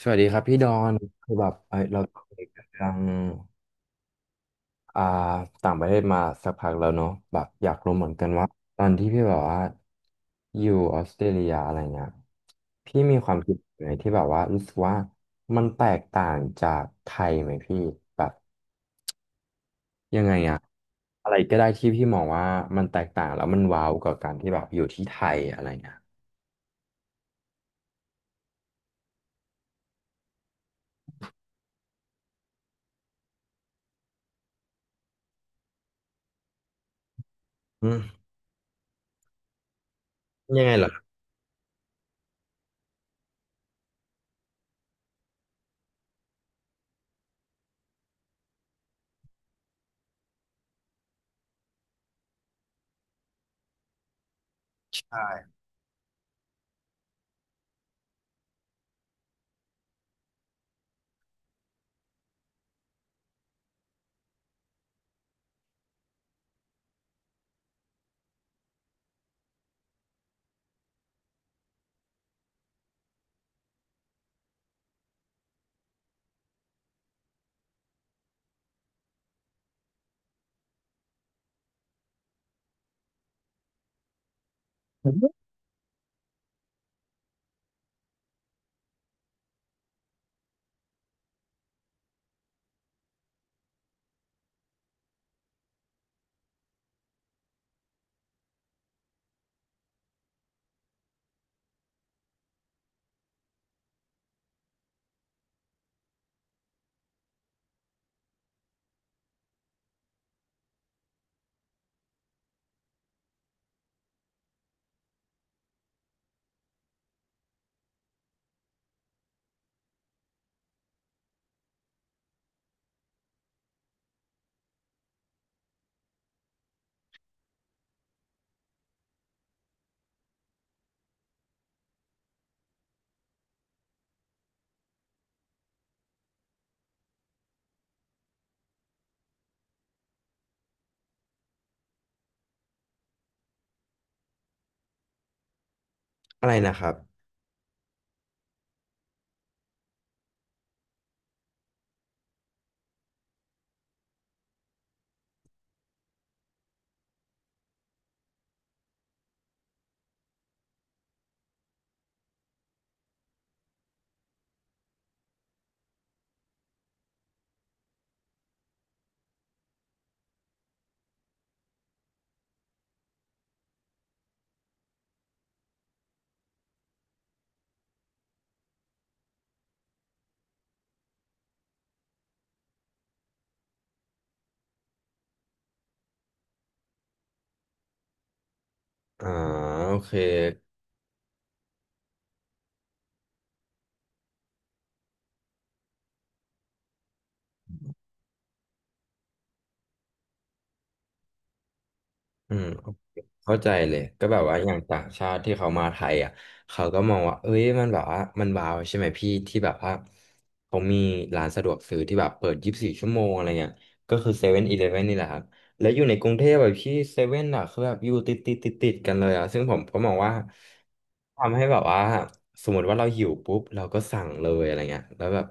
สวัสดีครับพี่ดอนคือแบบเอ้ยเราคุยกันเรื่องอ่าต่างประเทศมาสักพักแล้วเนาะแบบอยากรู้เหมือนกันว่าตอนที่พี่แบบว่าอยู่ออสเตรเลียอะไรเงี้ยพี่มีความคิดไหนที่แบบว่ารู้สึกว่ามันแตกต่างจากไทยไหมพี่แบบยังไงอะอะไรก็ได้ที่พี่มองว่ามันแตกต่างแล้วมันว้าวกับการที่แบบอยู่ที่ไทยอะไรเงี้ยอืมยังไงเหรออะไรนะครับอ่าโอเค อืมเข้าใจเลยก็แบบว่าอย่างต่างชาติที่เขามาไทยอ่ะเขาก็มองว่าเอ้ยมันแบบว่ามันว้าวใช่ไหมพี่ที่แบบว่าเขามีร้านสะดวกซื้อที่แบบเปิดยี่สิบสี่ชั่วโมงอะไรเงี้ยก็คือเซเว่นอีเลฟเว่นนี่แหละครับ แล้วอยู่ในกรุงเทพแบบที่เซเว่นอ่ะคือแบบอยู่ติดกันเลยอ่ะซึ่งผมก็มองว่าทำให้แบบว่าสมมติว่าเราหิวปุ๊บเราก็สั่งเลยอะไรเงี้ยแล้วแบบ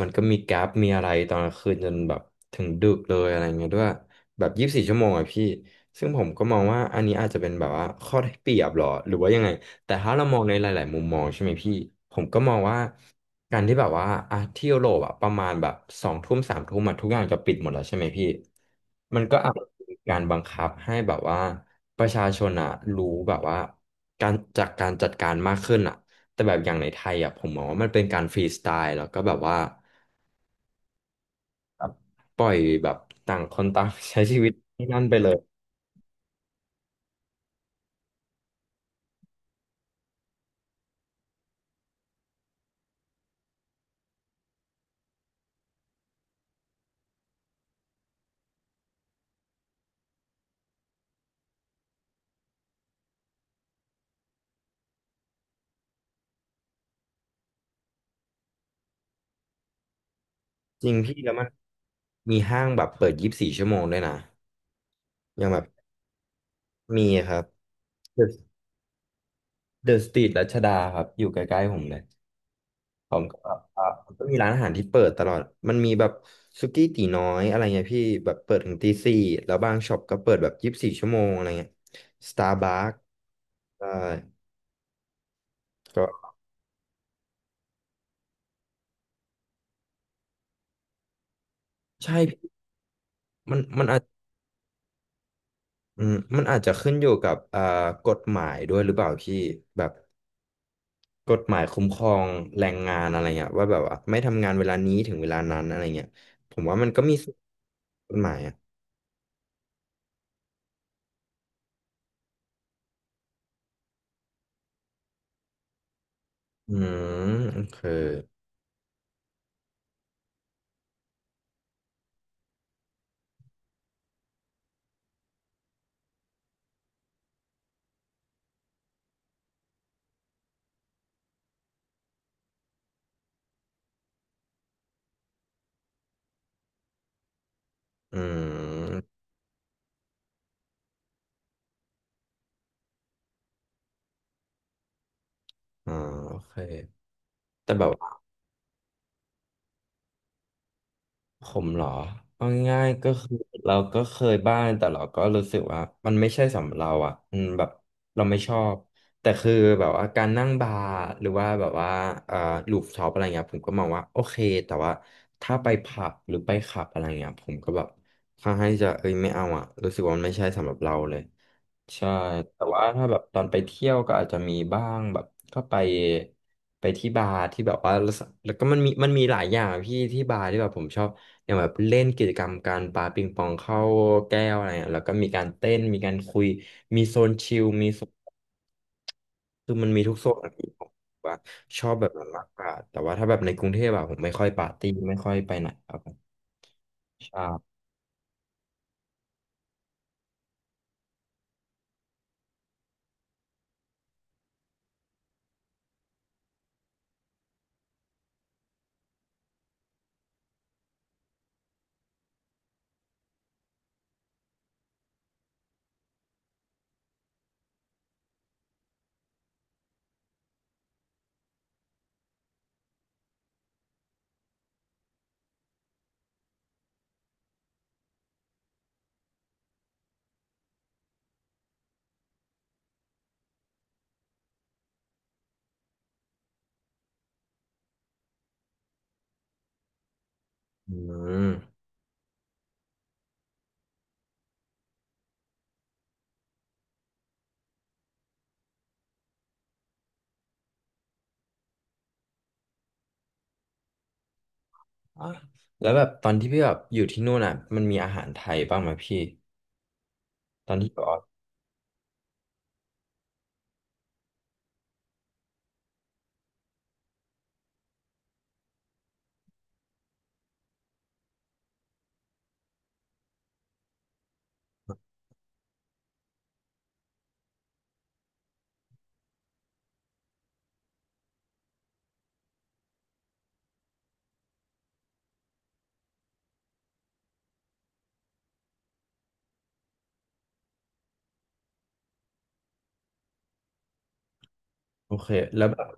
มันก็มีแก๊ปมีอะไรตอนกลางคืนจนแบบถึงดึกเลยอะไรเงี้ยด้วยแบบยี่สิบสี่ชั่วโมงอ่ะพี่ซึ่งผมก็มองว่าอันนี้อาจจะเป็นแบบว่าข้อได้เปรียบหรอหรือว่ายังไง แต่ถ้าเรามองในหลายๆมุมมองใช่ไหมพี่ผมก็มองว่าการที่แบบว่าอ่ะที่ยุโรปอะประมาณแบบสองทุ่มสามทุ่มอะทุกอย่างจะปิดหมดแล้วใช่ไหมพี่มันก็อาจจะมีการบังคับให้แบบว่าประชาชนอะรู้แบบว่าการจากการจัดการมากขึ้นอะแต่แบบอย่างในไทยอะผมมองว่ามันเป็นการฟรีสไตล์แล้วก็แบบว่าแบบปล่อยแบบต่างคนต่างใช้ชีวิตที่นั่นไปเลยจริงพี่แล้วมันมีห้างแบบเปิดยี่สิบสี่ชั่วโมงด้วยนะอย่างแบบมีครับ เดอะสตรีทรัชดาครับอยู่ใกล้ๆผมเลยผมก็แบบอ่ามันก็มีร้านอาหารที่เปิดตลอดมันมีแบบสุกี้ตี๋น้อยอะไรเงี้ยพี่แบบเปิดถึงตีสี่แล้วบางช็อปก็เปิดแบบยี่สิบสี่ชั่วโมงอะไรเงี้ยสตาร์บัคใช่ก็ใช่พี่มันอาจอืมมันอาจจะขึ้นอยู่กับกฎหมายด้วยหรือเปล่าพี่แบบกฎหมายคุ้มครองแรงงานอะไรเงี้ยว่าแบบว่าไม่ทำงานเวลานี้ถึงเวลานั้นอะไรเงี้ยผมว่ามันก็มีส่วนกฎหมายอ่ะอืมโอเค อืมอ๋อโอเคแต่แบบว่าผมเหรอเอาง่ายๆก็คือเราก็เคยบ้างแต่เราก็รู้สึกว่ามันไม่ใช่สำหรับเราอ่ะอืมแบบเราไม่ชอบแต่คือแบบว่าการนั่งบาร์หรือว่าแบบว่าเอ่อลูฟท็อปอะไรเงี้ยผมก็มองว่าโอเคแต่ว่าถ้าไปผับหรือไปคลับอะไรเงี้ยผมก็แบบค่อนข้างที่จะเอ้ยไม่เอาอ่ะรู้สึกว่ามันไม่ใช่สำหรับเราเลย ใช่แต่ว่าถ้าแบบตอนไปเที่ยวก็อาจจะมีบ้างแบบก็ไปที่บาร์ที่แบบว่าแล้วก็มันมีหลายอย่างพี่ที่บาร์ที่แบบผมชอบอย่างแบบเล่นกิจกรรมการปาปิงปองเข้าแก้วอะไรเงี้ยแล้วก็มีการเต้นมีการคุยมีโซนชิลมีโซนคือมันมีทุกโซนอะพี่ผมว่าชอบแบบนั้นมากกว่าแต่ว่าถ้าแบบในกรุงเทพอะผมไม่ค่อยปาร์ตี้ไม่ค่อยไปไหนครับผมใช่อืม อ๋อแล้วแบบตอนที่พี่แบบอยู่ที่นู่นอ่ะมันมีอาหารไทยบ้างไหมพี่ตอนที่ไปออสโอเคแล้วแบบ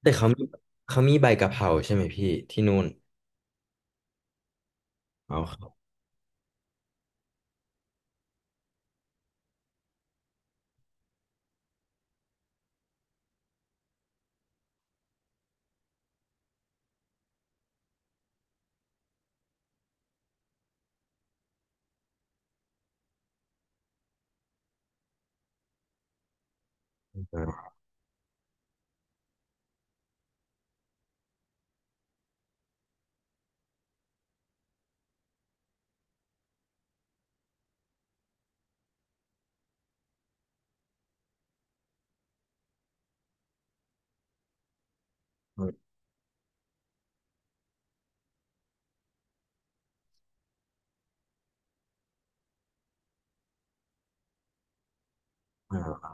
แต่เขามีใบกะเพราใช่ไหมพี่ที่นู่นเอาเข้ามาอ่า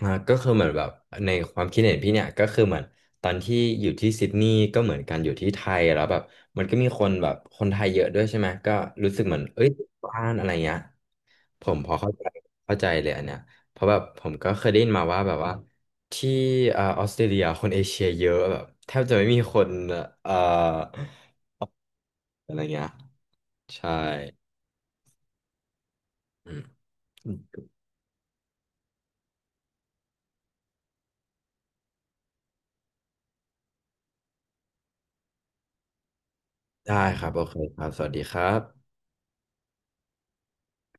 ก็คือเหมือนแบบในความคิดเห็นพี่เนี่ยก็คือเหมือนตอนที่อยู่ที่ซิดนีย์ก็เหมือนกันอยู่ที่ไทยแล้วแบบมันก็มีคนแบบคนไทยเยอะด้วยใช่ไหมก็รู้สึกเหมือนเอ้ยบ้านอะไรเงี้ย ผมมพอเข้าใจเข้าใจเลยอันเนี้ยเพราะแบบผมก็เคยได้ยินมาว่าแบบว่าที่ออสเตรเลียคนเอเชียเยอะแบบแทบจะไม่มีคนเอ่ออะไรเงี้ยใช่อืมได้ครับโอเคครับสวัสดีครับ